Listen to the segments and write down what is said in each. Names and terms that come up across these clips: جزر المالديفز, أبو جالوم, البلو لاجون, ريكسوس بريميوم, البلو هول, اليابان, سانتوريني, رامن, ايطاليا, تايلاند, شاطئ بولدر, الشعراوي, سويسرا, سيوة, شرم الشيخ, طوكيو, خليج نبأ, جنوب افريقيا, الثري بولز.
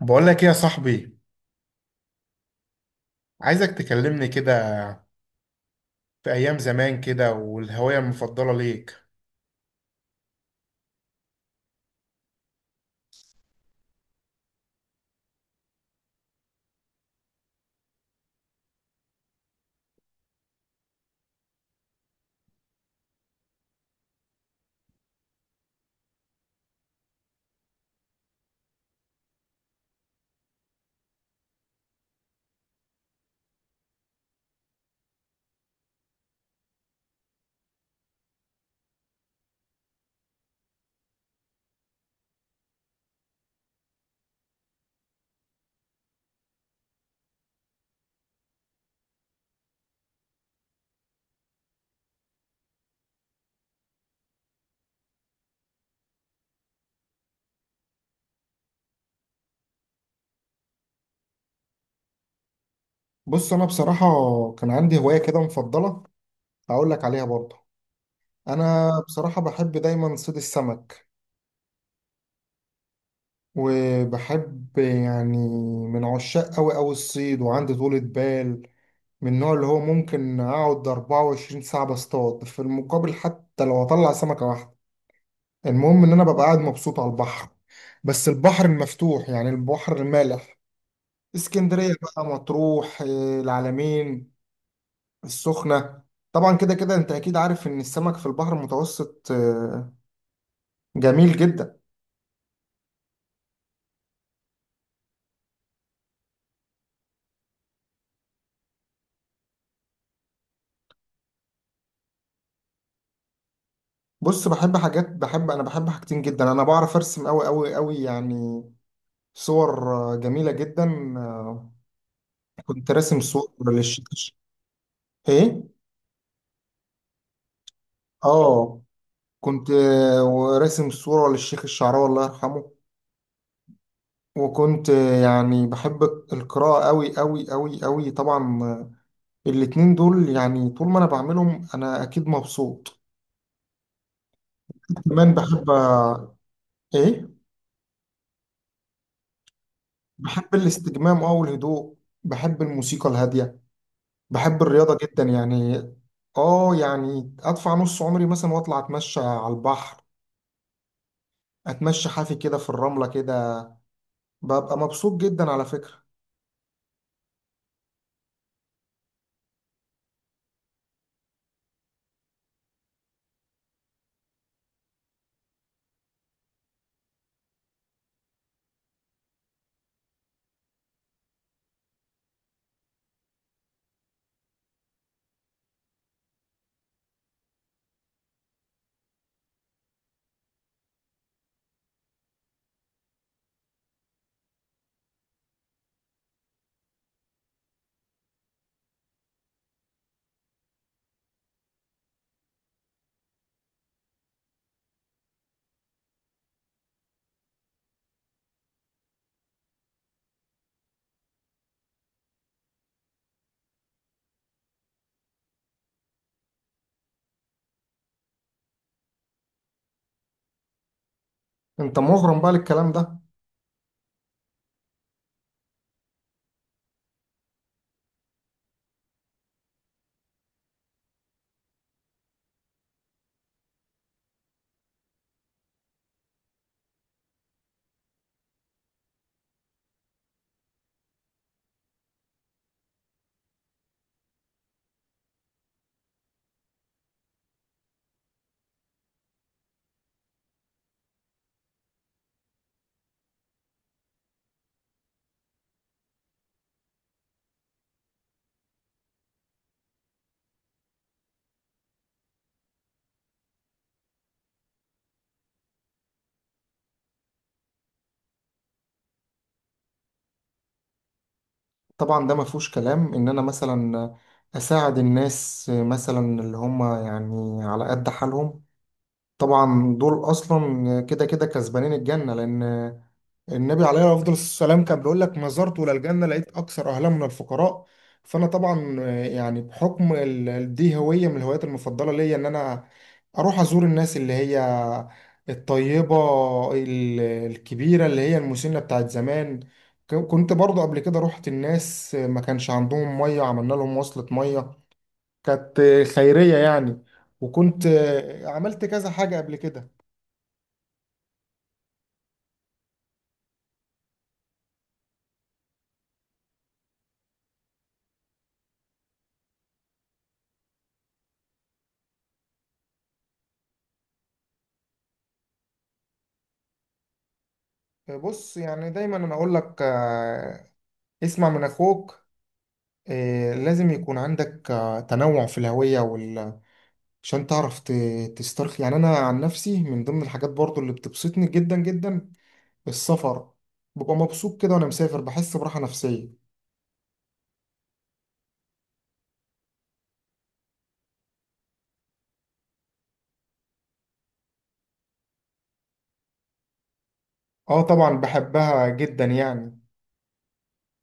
بقول لك ايه يا صاحبي؟ عايزك تكلمني كده في ايام زمان، كده والهوايه المفضله ليك. بص انا بصراحه كان عندي هوايه كده مفضله، هقول لك عليها برضه. انا بصراحه بحب دايما صيد السمك. وبحب يعني، من عشاق قوي قوي الصيد، وعندي طولة بال. من النوع اللي هو ممكن اقعد 24 ساعه بصطاد في المقابل، حتى لو اطلع سمكه واحده. المهم ان انا ببقى قاعد مبسوط على البحر. بس البحر المفتوح يعني البحر المالح. اسكندريه بقى، مطروح، العلمين، السخنه. طبعا كده كده انت اكيد عارف ان السمك في البحر المتوسط جميل جدا. بص بحب حاجات، بحب حاجتين جدا. انا بعرف ارسم قوي قوي قوي يعني. صور جميله جدا. آه، كنت راسم صور للشيخ. ايه. اه كنت راسم صوره للشيخ الشعراوي، الله يرحمه. وكنت يعني بحب القراءه قوي قوي قوي قوي طبعا. الاتنين دول يعني طول ما انا بعملهم انا اكيد مبسوط. كمان بحب، ايه. بحب الاستجمام او الهدوء. بحب الموسيقى الهادية. بحب الرياضة جدا يعني. اه يعني ادفع نص عمري مثلا واطلع اتمشى على البحر. اتمشى حافي كده في الرملة كده، ببقى مبسوط جدا على فكرة. انت مغرم بقى للكلام ده. طبعا ده ما فيهوش كلام ان انا مثلا اساعد الناس، مثلا اللي هم يعني على قد حالهم. طبعا دول اصلا كده كده كسبانين الجنه، لان النبي عليه افضل السلام كان بيقول لك: ما زرت ولا الجنه لقيت اكثر اهلها من الفقراء. فانا طبعا يعني بحكم دي هويه من الهوايات المفضله ليا، ان انا اروح ازور الناس اللي هي الطيبه، الكبيره اللي هي المسنه بتاعت زمان. كنت برضو قبل كده رحت الناس ما كانش عندهم ميه، عملنا لهم وصلة ميه، كانت خيريه يعني. وكنت عملت كذا حاجه قبل كده. بص يعني دايما انا اقول لك اسمع من اخوك. لازم يكون عندك تنوع في الهوية عشان تعرف تسترخي. يعني انا عن نفسي من ضمن الحاجات برضو اللي بتبسطني جدا جدا السفر. ببقى مبسوط كده وانا مسافر، بحس براحة نفسية. اه طبعا بحبها جدا يعني.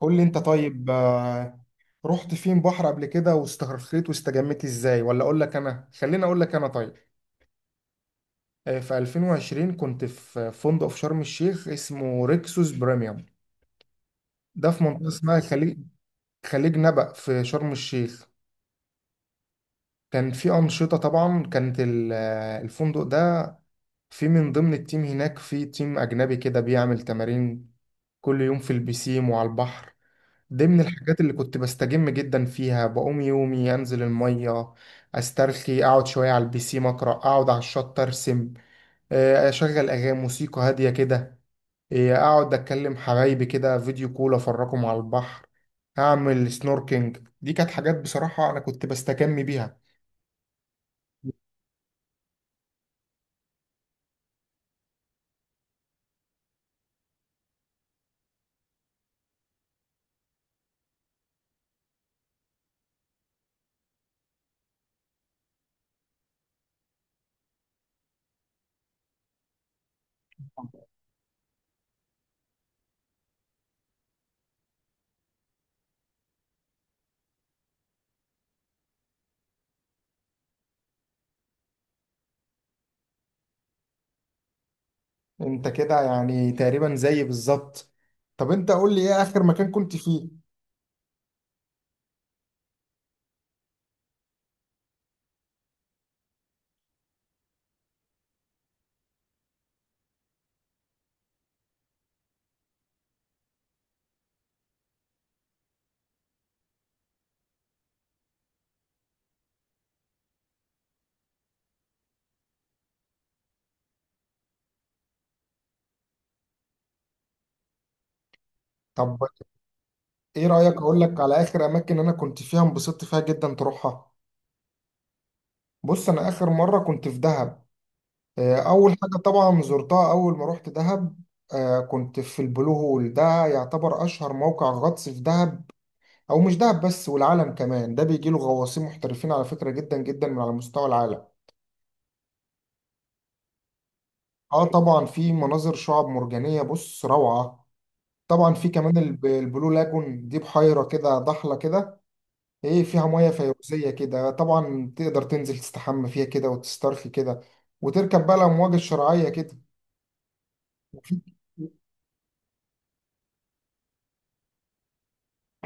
قول لي انت طيب، رحت فين بحر قبل كده واسترخيت واستجمت ازاي؟ ولا اقول لك انا، خليني اقول لك انا طيب. في 2020 كنت في فندق في شرم الشيخ اسمه ريكسوس بريميوم. ده في منطقة اسمها خليج، خليج نبأ في شرم الشيخ. كان في أنشطة طبعا، كانت الفندق ده في من ضمن التيم هناك في تيم أجنبي كده بيعمل تمارين كل يوم في البسيم وعلى البحر. دي من الحاجات اللي كنت بستجم جدا فيها. بقوم يومي أنزل المية، أسترخي، أقعد شوية على البسيم، أقرأ، أقعد على الشط أرسم، أشغل أغاني موسيقى هادية كده. إيه، اقعد اتكلم حبايبي كده فيديو كول، افرجهم على البحر، اعمل سنوركينج. دي كانت حاجات بصراحة انا كنت بستكمي بيها. انت كده يعني تقريبا زي بالظبط. طب انت قول لي ايه اخر مكان كنت فيه؟ طب ايه رأيك اقول لك على اخر اماكن انا كنت فيها انبسطت فيها جدا، تروحها. بص انا اخر مرة كنت في دهب. اول حاجة طبعا زرتها اول ما رحت دهب، كنت في البلو هول. ده يعتبر اشهر موقع غطس في دهب، او مش دهب بس، والعالم كمان. ده بيجي له غواصين محترفين على فكره جدا جدا من على مستوى العالم. اه طبعا في مناظر شعاب مرجانيه بص روعه. طبعا في كمان البلو لاجون، دي بحيره كده ضحله كده، ايه، فيها ميه فيروزيه كده. طبعا تقدر تنزل تستحمى فيها كده وتسترخي كده، وتركب بقى الامواج الشرعيه كده. وفي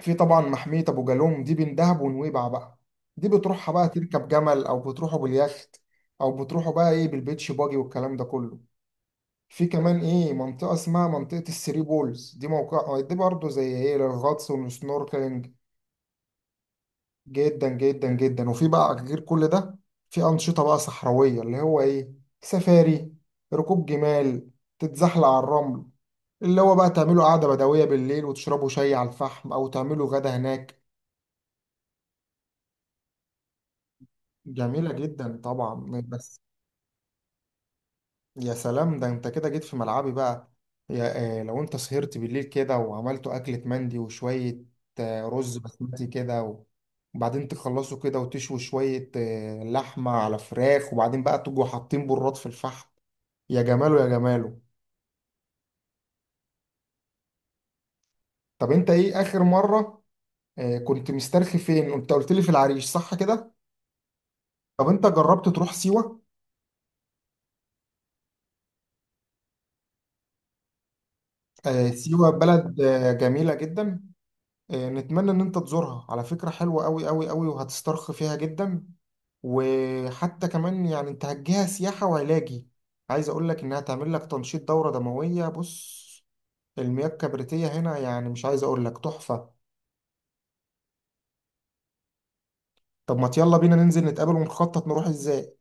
في طبعا محميه ابو جالوم، دي بين دهب ونويبع بقى. دي بتروحها بقى تركب جمل، او بتروحوا باليخت، او بتروحوا بقى ايه بالبيتش باجي والكلام ده كله. في كمان ايه منطقة اسمها منطقة الثري بولز، دي موقع دي برضه زي ايه للغطس والسنوركلينج. جدا جدا جدا. وفي بقى غير كل ده، في أنشطة بقى صحراوية اللي هو ايه، سفاري، ركوب جمال، تتزحلق على الرمل. اللي هو بقى تعملوا قعدة بدوية بالليل وتشربوا شاي على الفحم، أو تعملوا غدا هناك. جميلة جدا طبعا بس. يا سلام، ده انت كده جيت في ملعبي بقى. يا آه، لو انت سهرت بالليل كده وعملتوا أكلة مندي وشوية آه رز بسمتي كده و- وبعدين تخلصوا كده وتشووا شوية آه لحمة على فراخ، وبعدين بقى تجوا حاطين براد في الفحم. يا جماله يا جماله. طب انت ايه آخر مرة آه كنت مسترخي فين؟ انت قلت لي في العريش صح كده. طب انت جربت تروح سيوة؟ آه سيوة بلد آه جميلة جدا. نتمنى ان انت تزورها على فكرة، حلوة قوي قوي قوي وهتسترخي فيها جدا. وحتى كمان يعني انت هتجيها سياحة وعلاجي. عايز اقول لك انها تعمل لك تنشيط دورة دموية. بص المياه الكبريتية هنا يعني مش عايز اقول لك، تحفة. طب ما يلا بينا ننزل نتقابل ونخطط نروح ازاي.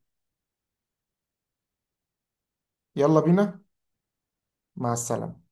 يلا بينا. مع السلامة.